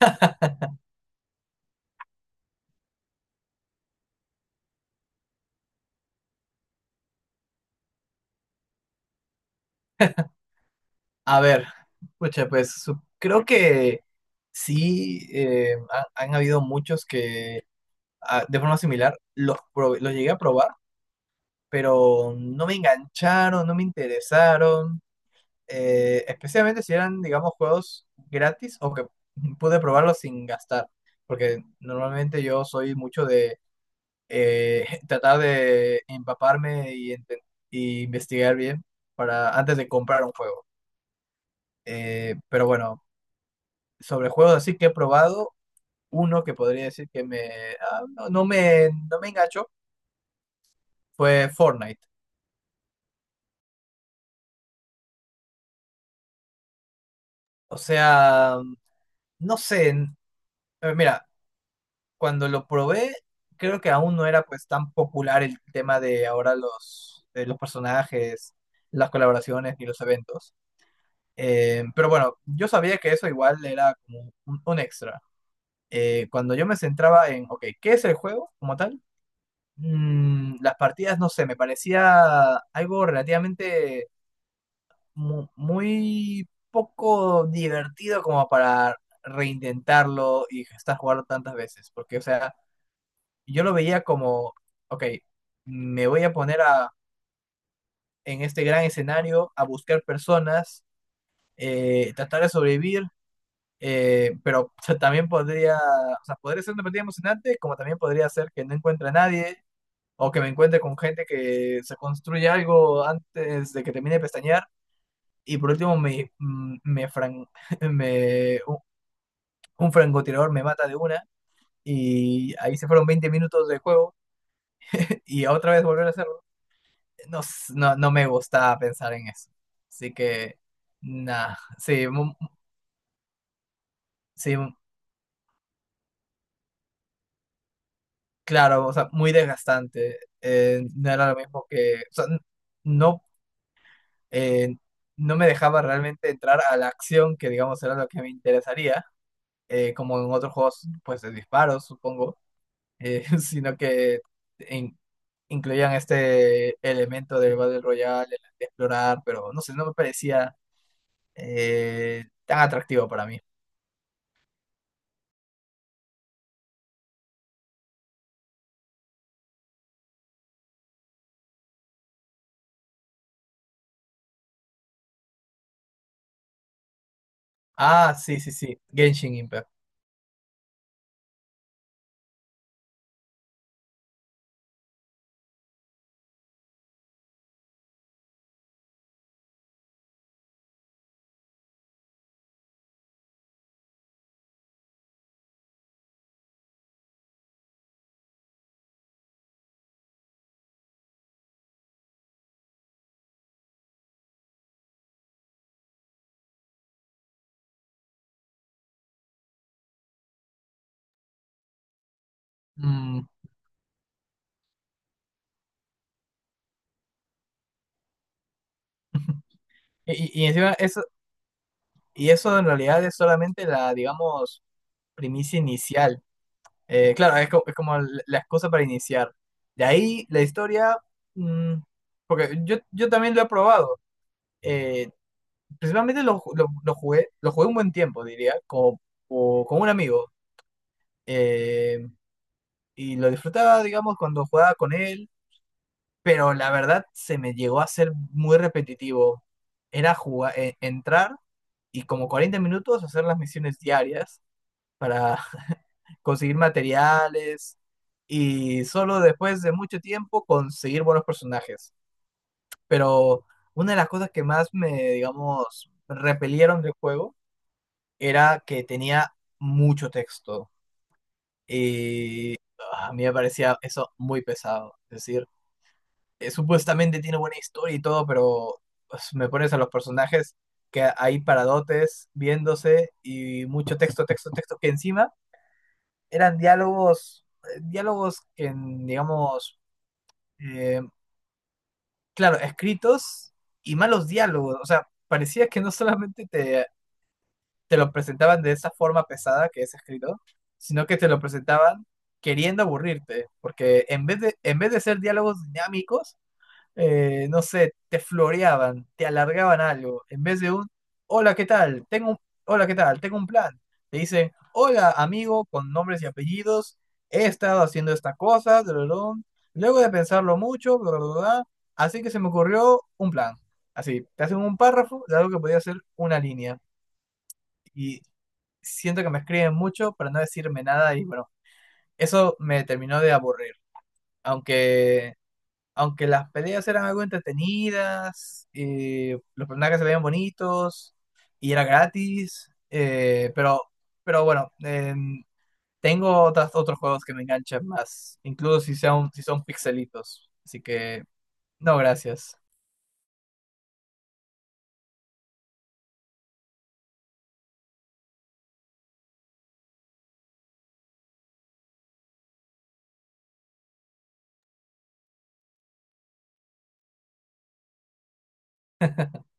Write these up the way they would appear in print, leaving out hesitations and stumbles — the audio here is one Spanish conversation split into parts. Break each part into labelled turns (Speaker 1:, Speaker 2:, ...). Speaker 1: A ver, pucha, creo que sí, han habido muchos que de forma similar los llegué a probar, pero no me engancharon, no me interesaron, especialmente si eran, digamos, juegos gratis o que pude probarlos sin gastar, porque normalmente yo soy mucho de tratar de empaparme y investigar bien para antes de comprar un juego. Pero bueno. Sobre juegos así que he probado, uno que podría decir que me, ah, no, no me, no me enganchó fue Fortnite. O sea, no sé, mira, cuando lo probé, creo que aún no era pues tan popular el tema de ahora de los personajes, las colaboraciones y los eventos. Pero bueno, yo sabía que eso igual era como un extra. Cuando yo me centraba en, ok, ¿qué es el juego como tal? Las partidas, no sé, me parecía algo relativamente muy poco divertido como para reintentarlo y estar jugando tantas veces. Porque, o sea, yo lo veía como, ok, me voy a poner a, en este gran escenario a buscar personas, tratar de sobrevivir, pero también podría, o sea, podría ser una partida emocionante, como también podría ser que no encuentre a nadie o que me encuentre con gente que se construye algo antes de que termine de pestañear y por último me, mm, me, fran- me- un, un francotirador me mata de una y ahí se fueron 20 minutos de juego y otra vez volver a hacerlo. No, no, no me gusta pensar en eso. Así que, nada, sí, sí, mu- claro, o sea, muy desgastante. No era lo mismo que, o sea, no, eh, no me dejaba realmente entrar a la acción que digamos era lo que me interesaría. Como en otros juegos, pues de disparos, supongo, sino que in- incluían este elemento del Battle Royale, el de explorar, pero no sé, no me parecía tan atractivo para mí. Ah, sí, sí, sí, Genshin Impact. Mm, y encima eso, y eso en realidad es solamente la, digamos, primicia inicial. Claro, es, es como la excusa para iniciar. De ahí la historia, mm, porque yo también lo he probado. Eh, Principalmente lo jugué un buen tiempo, diría, con un amigo. eh, y lo disfrutaba, digamos, cuando jugaba con él, pero la verdad se me llegó a ser muy repetitivo. Era jugar, entrar y como 40 minutos hacer las misiones diarias para conseguir materiales y solo después de mucho tiempo conseguir buenos personajes. Pero una de las cosas que más me, digamos, repelieron del juego era que tenía mucho texto y a mí me parecía eso muy pesado. Es decir, supuestamente tiene buena historia y todo, pero pues, me pones a los personajes que ahí paradotes viéndose y mucho texto, texto, texto, que encima eran diálogos, diálogos que, digamos, eh, claro, escritos y malos diálogos. O sea, parecía que no solamente te lo presentaban de esa forma pesada que es escrito, sino que te lo presentaban queriendo aburrirte, porque en vez de ser diálogos dinámicos, no sé, te floreaban, te alargaban algo, en vez de un, hola, ¿qué tal? Tengo un, hola, ¿qué tal? Tengo un plan. Te dicen, hola, amigo, con nombres y apellidos, he estado haciendo esta cosa, drolón, luego de pensarlo mucho, bla, bla, bla, así que se me ocurrió un plan. Así, te hacen un párrafo de algo que podía ser una línea. Y siento que me escriben mucho para no decirme nada y bueno, eso me terminó de aburrir. Aunque, aunque las peleas eran algo entretenidas, y los personajes se veían bonitos y era gratis, pero bueno, tengo otras, otros juegos que me enganchan más, incluso si son pixelitos. Así que, no, gracias.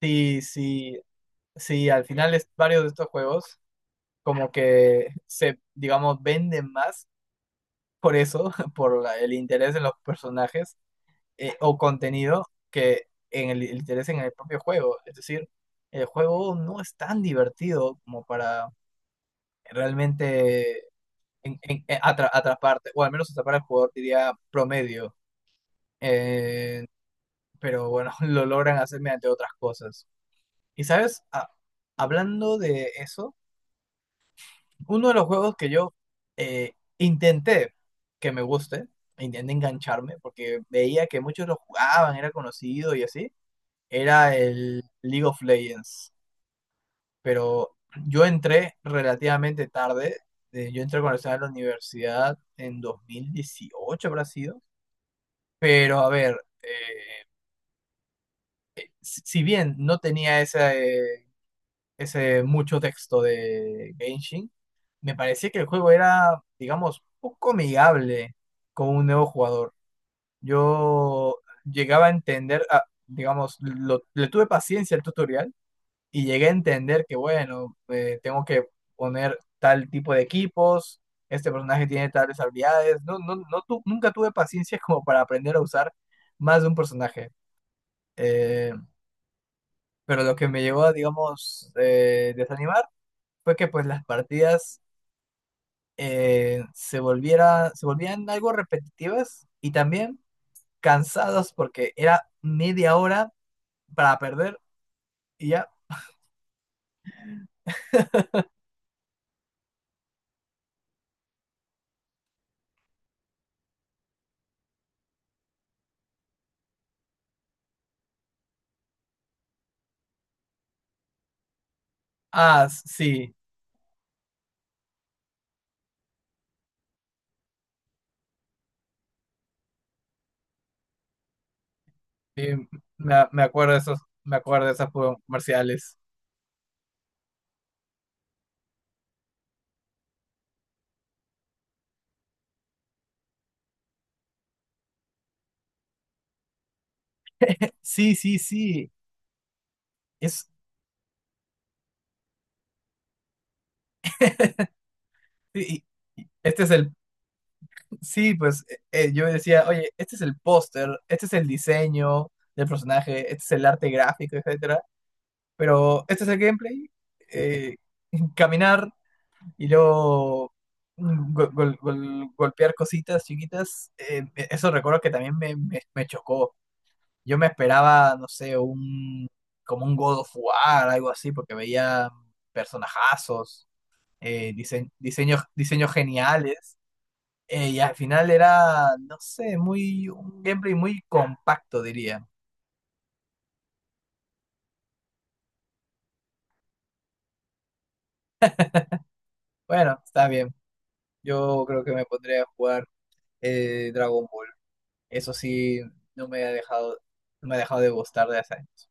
Speaker 1: Sí, sí, sí, al final es, varios de estos juegos como que se, digamos, venden más por eso, por el interés de los personajes o contenido que en el interés en el propio juego. Es decir, el juego no es tan divertido como para realmente atraparte, o al menos atrapar al jugador, diría promedio. Eh, pero bueno, lo logran hacer mediante otras cosas. Y sabes, hablando de eso. Uno de los juegos que yo eh, intenté que me guste, intenté engancharme, porque veía que muchos lo jugaban, era conocido y así, era el League of Legends. Pero yo entré relativamente tarde, yo entré cuando estaba en la universidad en 2018 habrá sido, pero a ver, eh, si bien no tenía ese, eh, ese mucho texto de Genshin, me parecía que el juego era, digamos, poco amigable con un nuevo jugador. Yo llegaba a entender, digamos, le tuve paciencia al tutorial y llegué a entender que, bueno, tengo que poner tal tipo de equipos, este personaje tiene tales habilidades. Nunca tuve paciencia como para aprender a usar más de un personaje. Eh, pero lo que me llevó a, digamos, desanimar fue que pues las partidas se volvían algo repetitivas y también cansados porque era media hora para perder y ya. Sí, sí, me acuerdo de esos, me acuerdo de esos juegos comerciales. Sí, sí, sí, es, sí, y este es el, sí, pues yo decía, oye, este es el póster, este es el diseño del personaje, este es el arte gráfico, etcétera, pero este es el gameplay, eh, caminar. Y luego golpear cositas chiquitas, eso recuerdo que también me chocó. Yo me esperaba, no sé, un como un God of War, algo así, porque veía personajazos, diseños, diseños geniales, y al final era, no sé, muy un gameplay muy compacto, diría. Bueno, está bien. Yo creo que me pondré a jugar Dragon Ball. Eso sí, no me ha dejado, no me ha dejado de gustar de hace años.